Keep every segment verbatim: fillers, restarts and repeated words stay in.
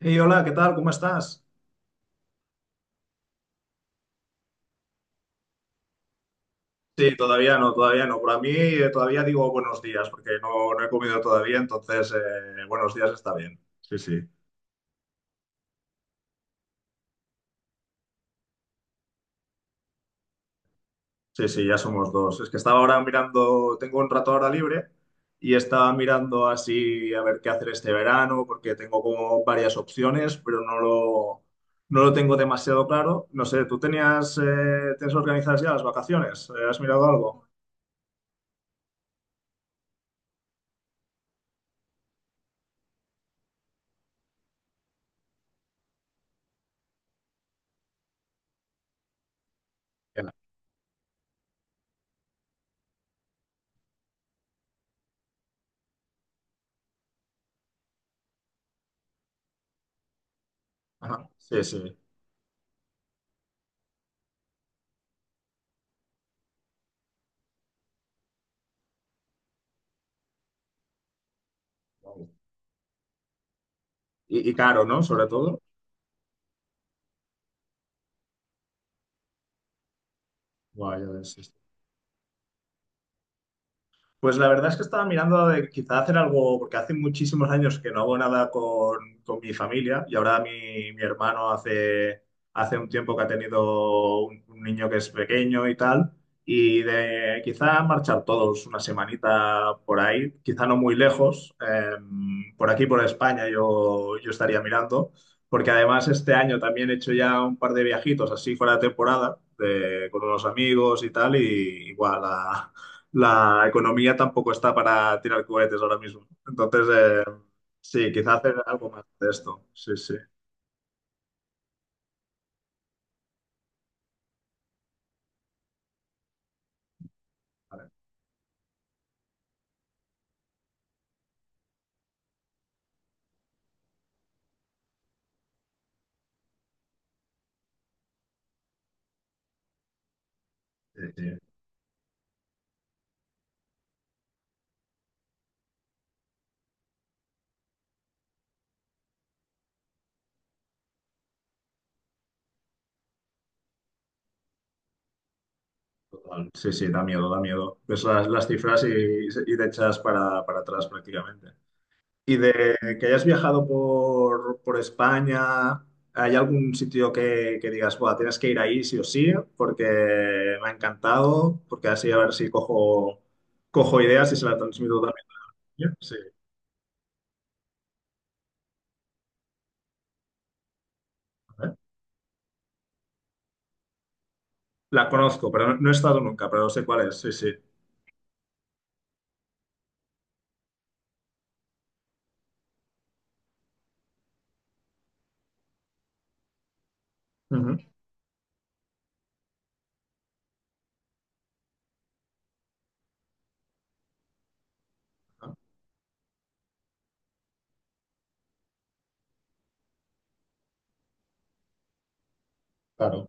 Hey, hola, ¿qué tal? ¿Cómo estás? Sí, todavía no, todavía no. Por mí eh, todavía digo buenos días porque no, no he comido todavía, entonces eh, buenos días está bien. Sí, sí, sí, sí, ya somos dos. Es que estaba ahora mirando, tengo un rato ahora libre y estaba mirando así a ver qué hacer este verano porque tengo como varias opciones, pero no lo, no lo tengo demasiado claro. No sé, ¿tú tenías, eh, tienes organizadas ya las vacaciones? ¿Eh, ¿Has mirado algo? Ya. Ajá. Sí, sí. Y, y caro, ¿no? Sobre todo. Guau, ya ves, sí, sí. Pues la verdad es que estaba mirando de quizá hacer algo, porque hace muchísimos años que no hago nada con, con mi familia y ahora mi, mi hermano hace, hace un tiempo que ha tenido un, un niño que es pequeño y tal, y de quizá marchar todos una semanita por ahí, quizá no muy lejos, em, por aquí, por España, yo, yo estaría mirando, porque además este año también he hecho ya un par de viajitos así fuera de temporada, de- con unos amigos y tal, y igual a la economía tampoco está para tirar cohetes ahora mismo. Entonces, eh, sí, quizá hacer algo más de esto. Sí, sí. Sí, sí, total. Sí, sí, da miedo, da miedo. Ves las, las cifras y, y te echas para, para atrás prácticamente. Y de que hayas viajado por, por España, ¿hay algún sitio que, que digas, buah, tienes que ir ahí sí o sí? Porque me ha encantado, porque así a ver si cojo, cojo ideas y se las transmito también. Sí. La conozco, pero no, no he estado nunca, pero sé cuál es, sí, sí. Ujú. Ah, claro,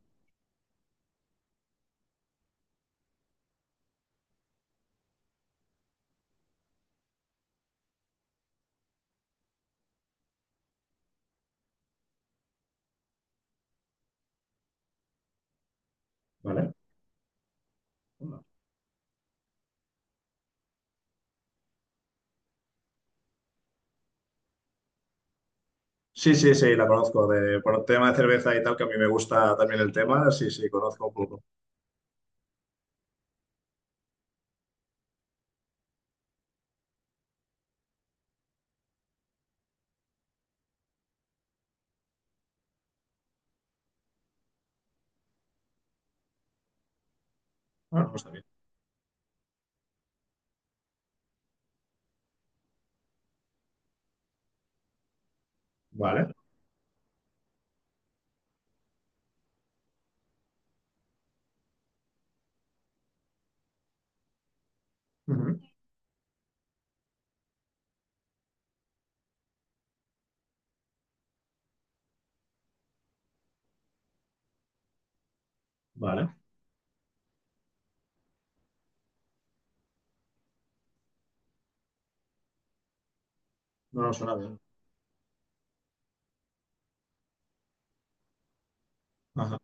vale. Sí, sí, sí, la conozco. De, por el tema de cerveza y tal, que a mí me gusta también el tema, sí, sí, conozco un poco. Ah, pues está bien. Vale. Ujú. Vale. No, no, suena bien. Ajá.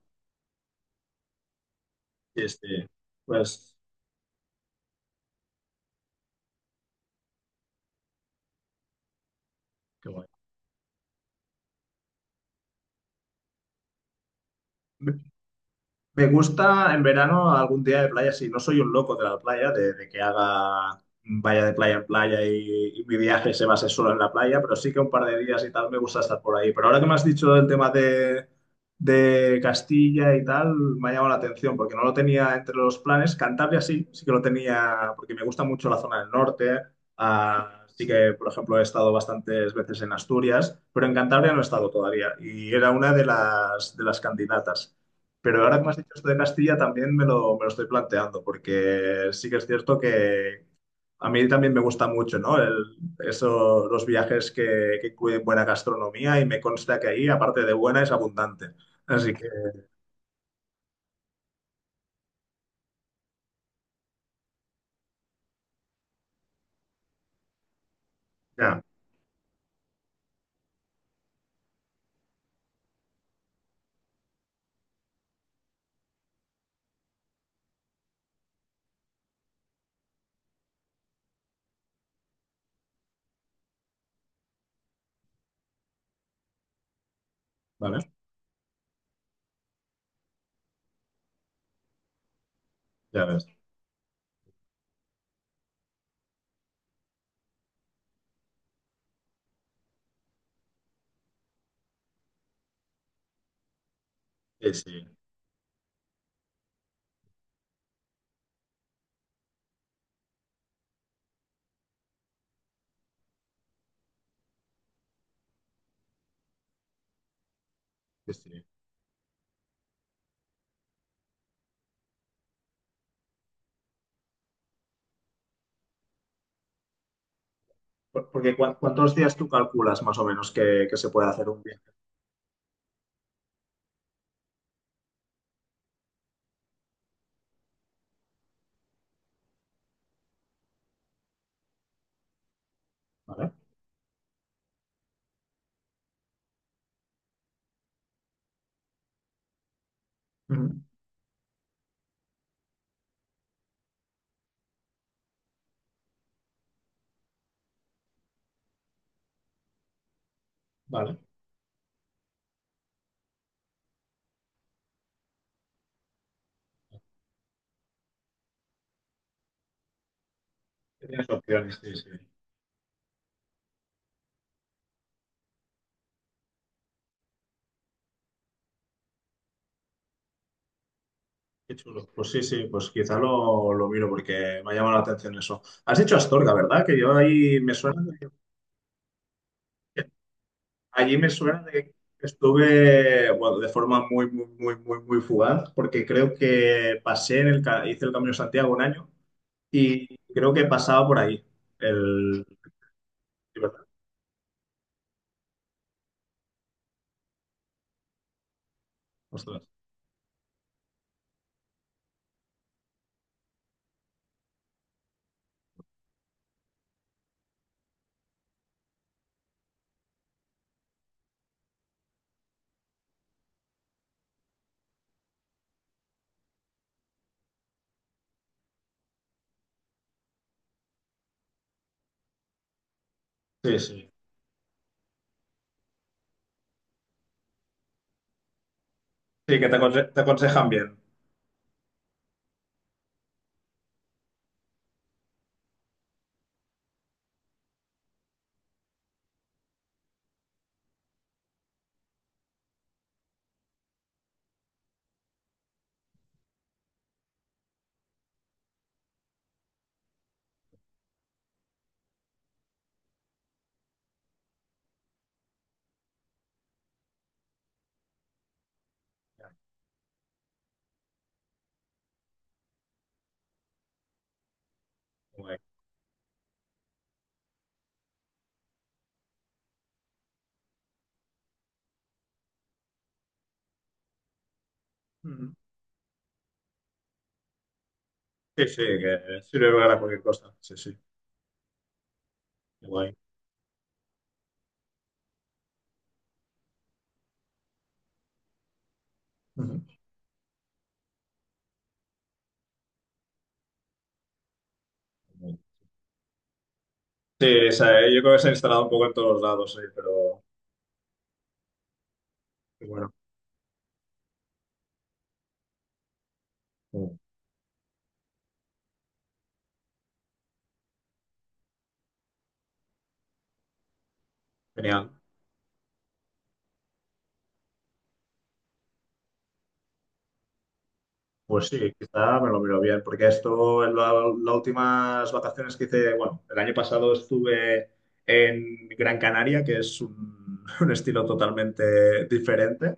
Y este, pues, qué guay. Me gusta en verano algún día de playa, sí. No soy un loco de la playa, de, de que haga, vaya de playa en playa y, y mi viaje se base solo en la playa, pero sí que un par de días y tal me gusta estar por ahí. Pero ahora que me has dicho el tema de, de Castilla y tal, me ha llamado la atención porque no lo tenía entre los planes. Cantabria sí, sí que lo tenía porque me gusta mucho la zona del norte. Ah, sí que, por ejemplo, he estado bastantes veces en Asturias, pero en Cantabria no he estado todavía y era una de las, de las candidatas. Pero ahora que me has dicho esto de Castilla, también me lo, me lo estoy planteando, porque sí que es cierto que a mí también me gusta mucho, ¿no? El- eso, los viajes que, que incluyen buena gastronomía y me consta que ahí, aparte de buena, es abundante. Así que, ya, ¿vale? Ya ves. Sí, sí, sí, sí. Por- Porque ¿cuán- ¿cuántos días tú calculas más o menos que, que se puede hacer un viaje? ¿Vale? Ujú. Vale. Tienes opciones, sí, sí. Qué chulo. Pues sí, sí, pues quizá lo, lo miro porque me ha llamado la atención eso. Has dicho Astorga, ¿verdad? Que yo ahí me suena de que- allí me suena de que estuve, bueno, de forma muy, muy, muy, muy, muy fugaz, porque creo que pasé en el, ca- hice el Camino de Santiago un año y creo que pasaba por ahí. El, sí, ¿verdad? Ostras. Sí, sí. Sí, que te, aconse- te aconsejan bien. Ya, qué guay. Ujú. Sí, sí, que sirve para cualquier cosa. Sí, sí, qué guay. Ujú. Sí, esa, eh, yo creo que se ha instalado un poco en todos lados, sí, pero bueno, mm, genial. Pues sí, quizá me lo miro bien, porque esto, en la- las últimas vacaciones que hice, bueno, el año pasado estuve en Gran Canaria, que es un, un estilo totalmente diferente.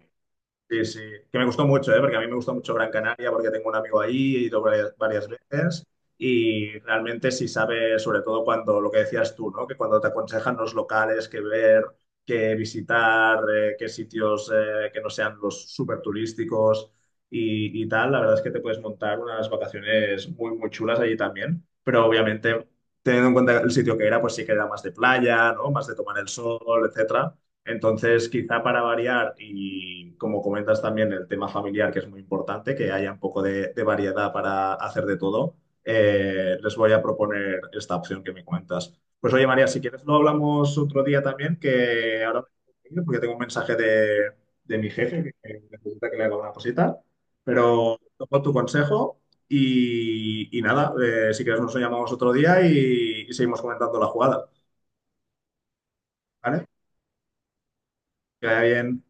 Sí, sí, que me gustó mucho, ¿eh? Porque a mí me gustó mucho Gran Canaria porque tengo un amigo ahí, he ido varias, varias veces y realmente sí sabe, sobre todo cuando, lo que decías tú, ¿no? Que cuando te aconsejan los locales que ver, que visitar, eh, qué sitios eh, que no sean los súper turísticos y, y tal, la verdad es que te puedes montar unas vacaciones muy, muy chulas allí también, pero obviamente teniendo en cuenta el sitio que era, pues sí que era más de playa, ¿no? Más de tomar el sol, etcétera. Entonces, quizá para variar y como comentas también el tema familiar, que es muy importante, que haya un poco de, de variedad para hacer de todo, eh, les voy a proponer esta opción que me comentas. Pues oye, María, si quieres lo hablamos otro día también, que ahora me tengo que ir porque tengo un mensaje de, de mi jefe que que necesita que le haga una cosita, pero tomo tu consejo y, y nada, eh, si quieres nos llamamos otro día y, y seguimos comentando la jugada, ¿vale? Que vaya bien.